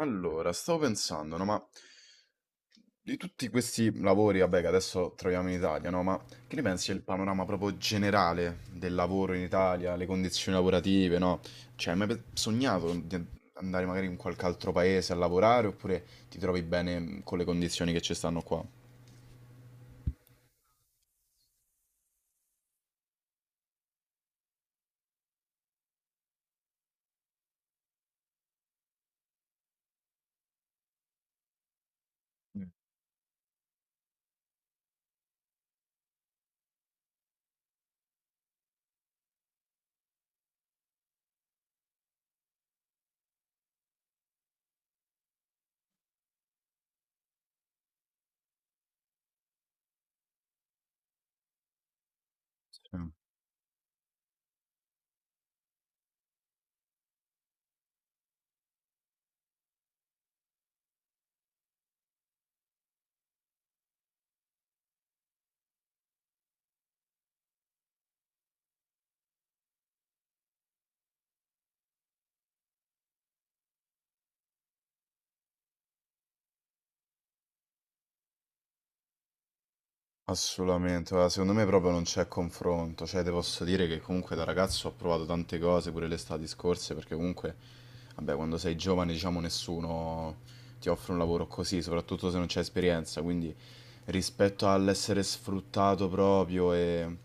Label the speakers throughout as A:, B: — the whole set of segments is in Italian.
A: Allora, stavo pensando, no, ma di tutti questi lavori, vabbè, che adesso troviamo in Italia, no, ma che ne pensi del panorama proprio generale del lavoro in Italia, le condizioni lavorative, no? Cioè, hai mai sognato di andare magari in qualche altro paese a lavorare oppure ti trovi bene con le condizioni che ci stanno qua? Mm, sì. Assolutamente, guarda, secondo me proprio non c'è confronto, cioè te posso dire che comunque da ragazzo ho provato tante cose pure le estati scorse perché comunque, vabbè, quando sei giovane diciamo nessuno ti offre un lavoro così, soprattutto se non c'è esperienza, quindi rispetto all'essere sfruttato proprio e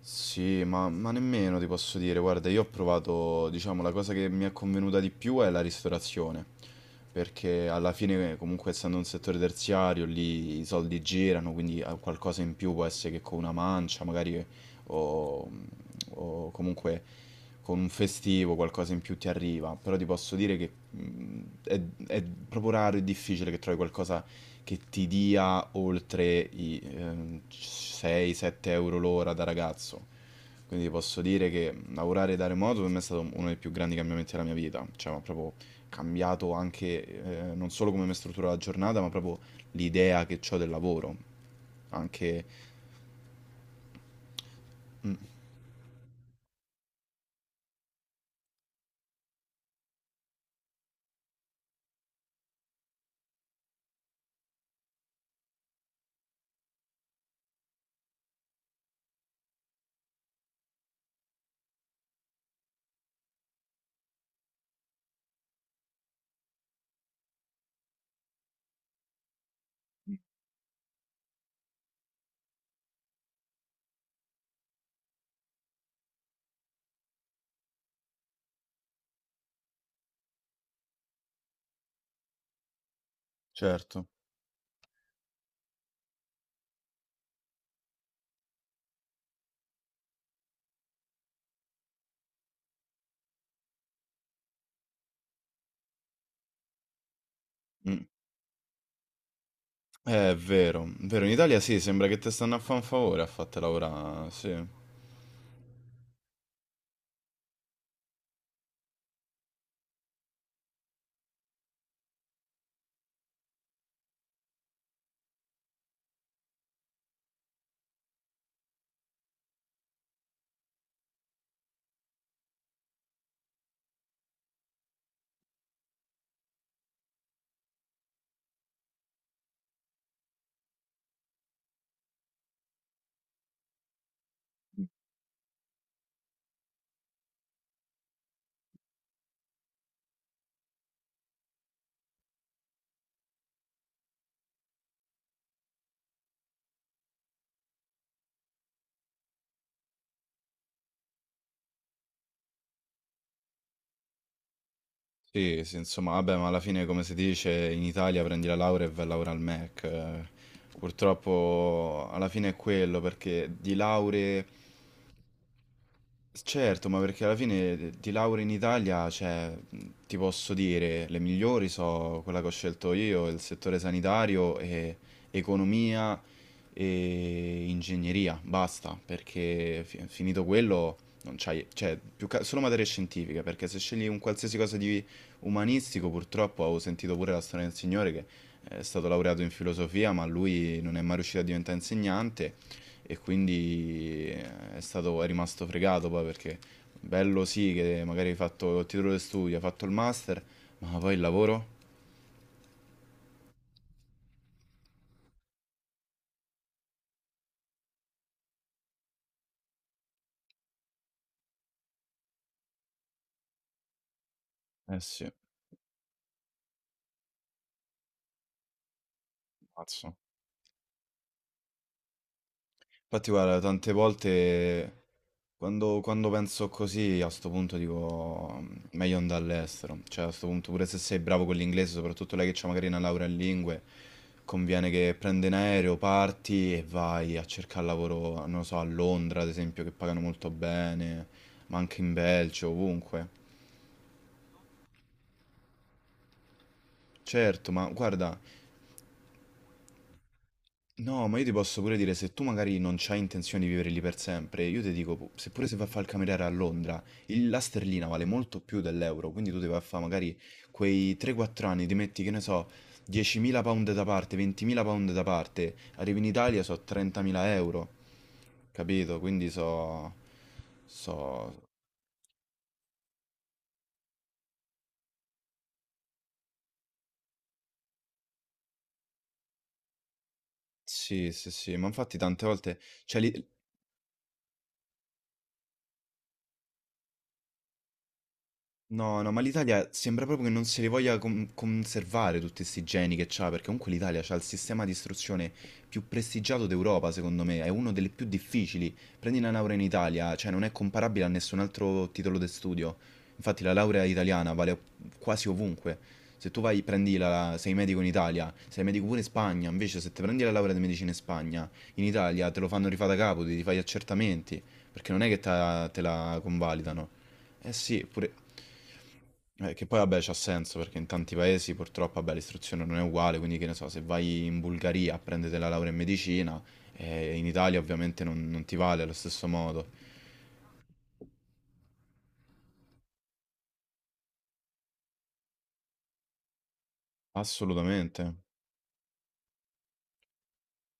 A: sì, ma nemmeno ti posso dire, guarda, io ho provato, diciamo, la cosa che mi è convenuta di più è la ristorazione, perché alla fine comunque essendo un settore terziario lì i soldi girano, quindi qualcosa in più può essere che con una mancia, magari o, o comunque con un festivo qualcosa in più ti arriva, però ti posso dire che è proprio raro e difficile che trovi qualcosa che ti dia oltre i 6-7 euro l'ora da ragazzo. Quindi posso dire che lavorare da remoto per me è stato uno dei più grandi cambiamenti della mia vita, cioè mi ha proprio cambiato anche non solo come mi struttura la giornata, ma proprio l'idea che ho del lavoro. Anche. Mm, certo. Mm. È vero, in Italia sì, sembra che te stanno a fare un favore a farti lavorare, sì. Sì, sì, insomma, vabbè, ma alla fine, come si dice, in Italia prendi la laurea e vai a lavorare al Mac, eh. Purtroppo alla fine è quello, perché di lauree. Certo, ma perché alla fine ti lauri in Italia, cioè, ti posso dire, le migliori sono quella che ho scelto io, il settore sanitario e economia e ingegneria, basta, perché finito quello non c'hai, cioè, più solo materie scientifiche, perché se scegli un qualsiasi cosa di umanistico, purtroppo ho sentito pure la storia del signore che è stato laureato in filosofia, ma lui non è mai riuscito a diventare insegnante e quindi è stato, è rimasto fregato poi perché bello sì che magari hai fatto il titolo di studio, hai fatto il master, ma poi il lavoro? Eh sì, pazzo. Infatti, guarda, tante volte quando penso così, a sto punto dico meglio andare all'estero. Cioè, a sto punto, pure se sei bravo con l'inglese, soprattutto lei che ha magari una laurea in lingue, conviene che prendi un aereo, parti e vai a cercare lavoro, non lo so, a Londra, ad esempio, che pagano molto bene, ma anche in Belgio, ovunque. Certo, ma guarda. No, ma io ti posso pure dire, se tu magari non c'hai intenzione di vivere lì per sempre, io ti dico, seppure se vai a fare il cameriere a Londra, la sterlina vale molto più dell'euro, quindi tu devi vai a fare magari quei 3-4 anni, ti metti, che ne so, 10.000 pound da parte, 20.000 pound da parte, arrivi in Italia so 30.000 euro, capito? Quindi so. Sì, sì, sì, ma infatti tante volte. Cioè, no, no, ma l'Italia sembra proprio che non se li voglia conservare tutti questi geni che c'ha, perché comunque l'Italia c'ha il sistema di istruzione più prestigiato d'Europa, secondo me, è uno delle più difficili. Prendi una laurea in Italia, cioè non è comparabile a nessun altro titolo di studio. Infatti la laurea italiana vale quasi ovunque. Se tu vai, prendi la, sei medico in Italia, sei medico pure in Spagna, invece se te prendi la laurea di medicina in Spagna, in Italia te lo fanno rifare da capo, ti fai gli accertamenti, perché non è che te la convalidano. Eh sì, pure. Che poi vabbè c'ha senso perché in tanti paesi purtroppo vabbè, l'istruzione non è uguale, quindi che ne so, se vai in Bulgaria a prendere la laurea in medicina, in Italia ovviamente non ti vale allo stesso modo. Assolutamente.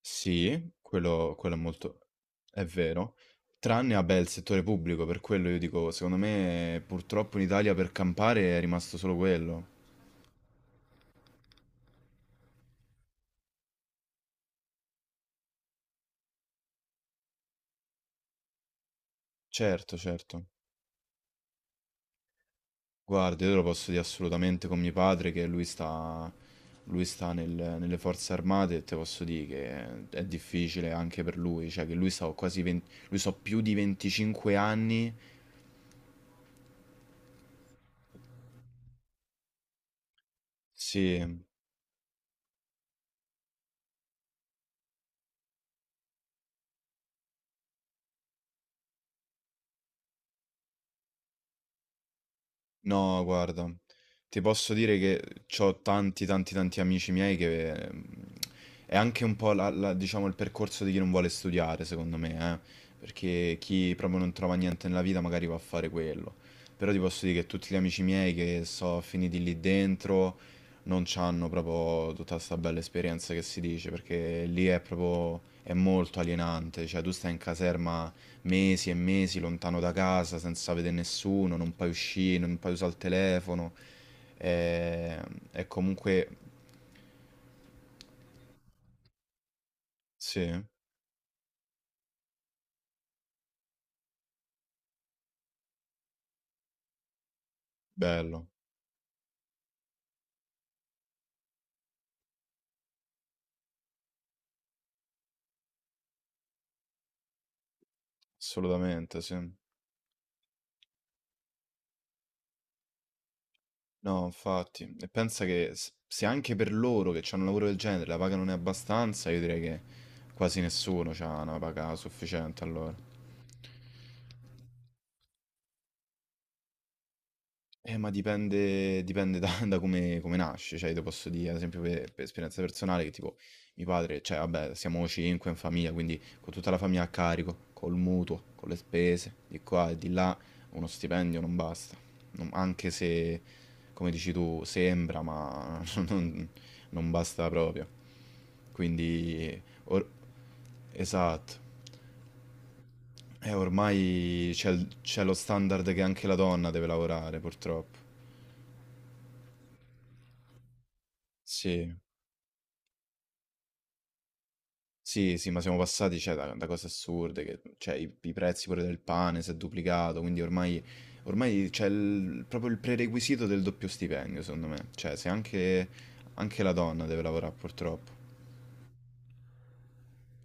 A: Sì, quello è molto. È vero. Tranne, vabbè, il settore pubblico, per quello io dico, secondo me purtroppo in Italia per campare è rimasto solo quello. Certo, certo. Guarda, io te lo posso dire assolutamente con mio padre che lui sta nelle forze armate e te posso dire che è difficile anche per lui, cioè che lui sta quasi 20, lui sta più di 25 anni, sì. No, guarda, ti posso dire che ho tanti, tanti, tanti amici miei che è anche un po' diciamo, il percorso di chi non vuole studiare, secondo me, eh. Perché chi proprio non trova niente nella vita magari va a fare quello. Però ti posso dire che tutti gli amici miei che sono finiti lì dentro non c'hanno proprio tutta questa bella esperienza che si dice, perché lì è proprio, è molto alienante, cioè tu stai in caserma mesi e mesi lontano da casa, senza vedere nessuno, non puoi uscire, non puoi usare il telefono. E, e comunque, sì, bello, assolutamente, sì. No, infatti, e pensa che se anche per loro che hanno un lavoro del genere la paga non è abbastanza, io direi che quasi nessuno ha una paga sufficiente allora. Ma dipende da da come nasce, cioè io te posso dire ad esempio per esperienza personale che tipo mio padre cioè vabbè siamo 5 in famiglia, quindi con tutta la famiglia a carico, col mutuo, con le spese di qua e di là, uno stipendio non basta. Non anche se, come dici tu, sembra, ma non non basta proprio. Quindi or esatto. Ormai c'è lo standard che anche la donna deve lavorare purtroppo. Sì. Sì, sì, ma siamo passati, cioè, da cose assurde, che, cioè, i prezzi pure del pane si è duplicato, quindi ormai, ormai c'è proprio il prerequisito del doppio stipendio, secondo me. Cioè, se anche, anche la donna deve lavorare, purtroppo.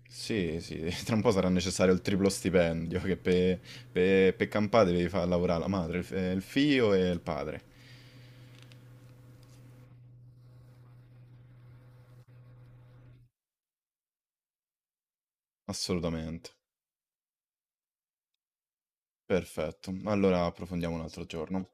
A: Sì, sì, tra un po' sarà necessario il triplo stipendio, che per pe, pe campare devi far lavorare la madre, il figlio e il padre. Assolutamente. Perfetto. Allora approfondiamo un altro giorno.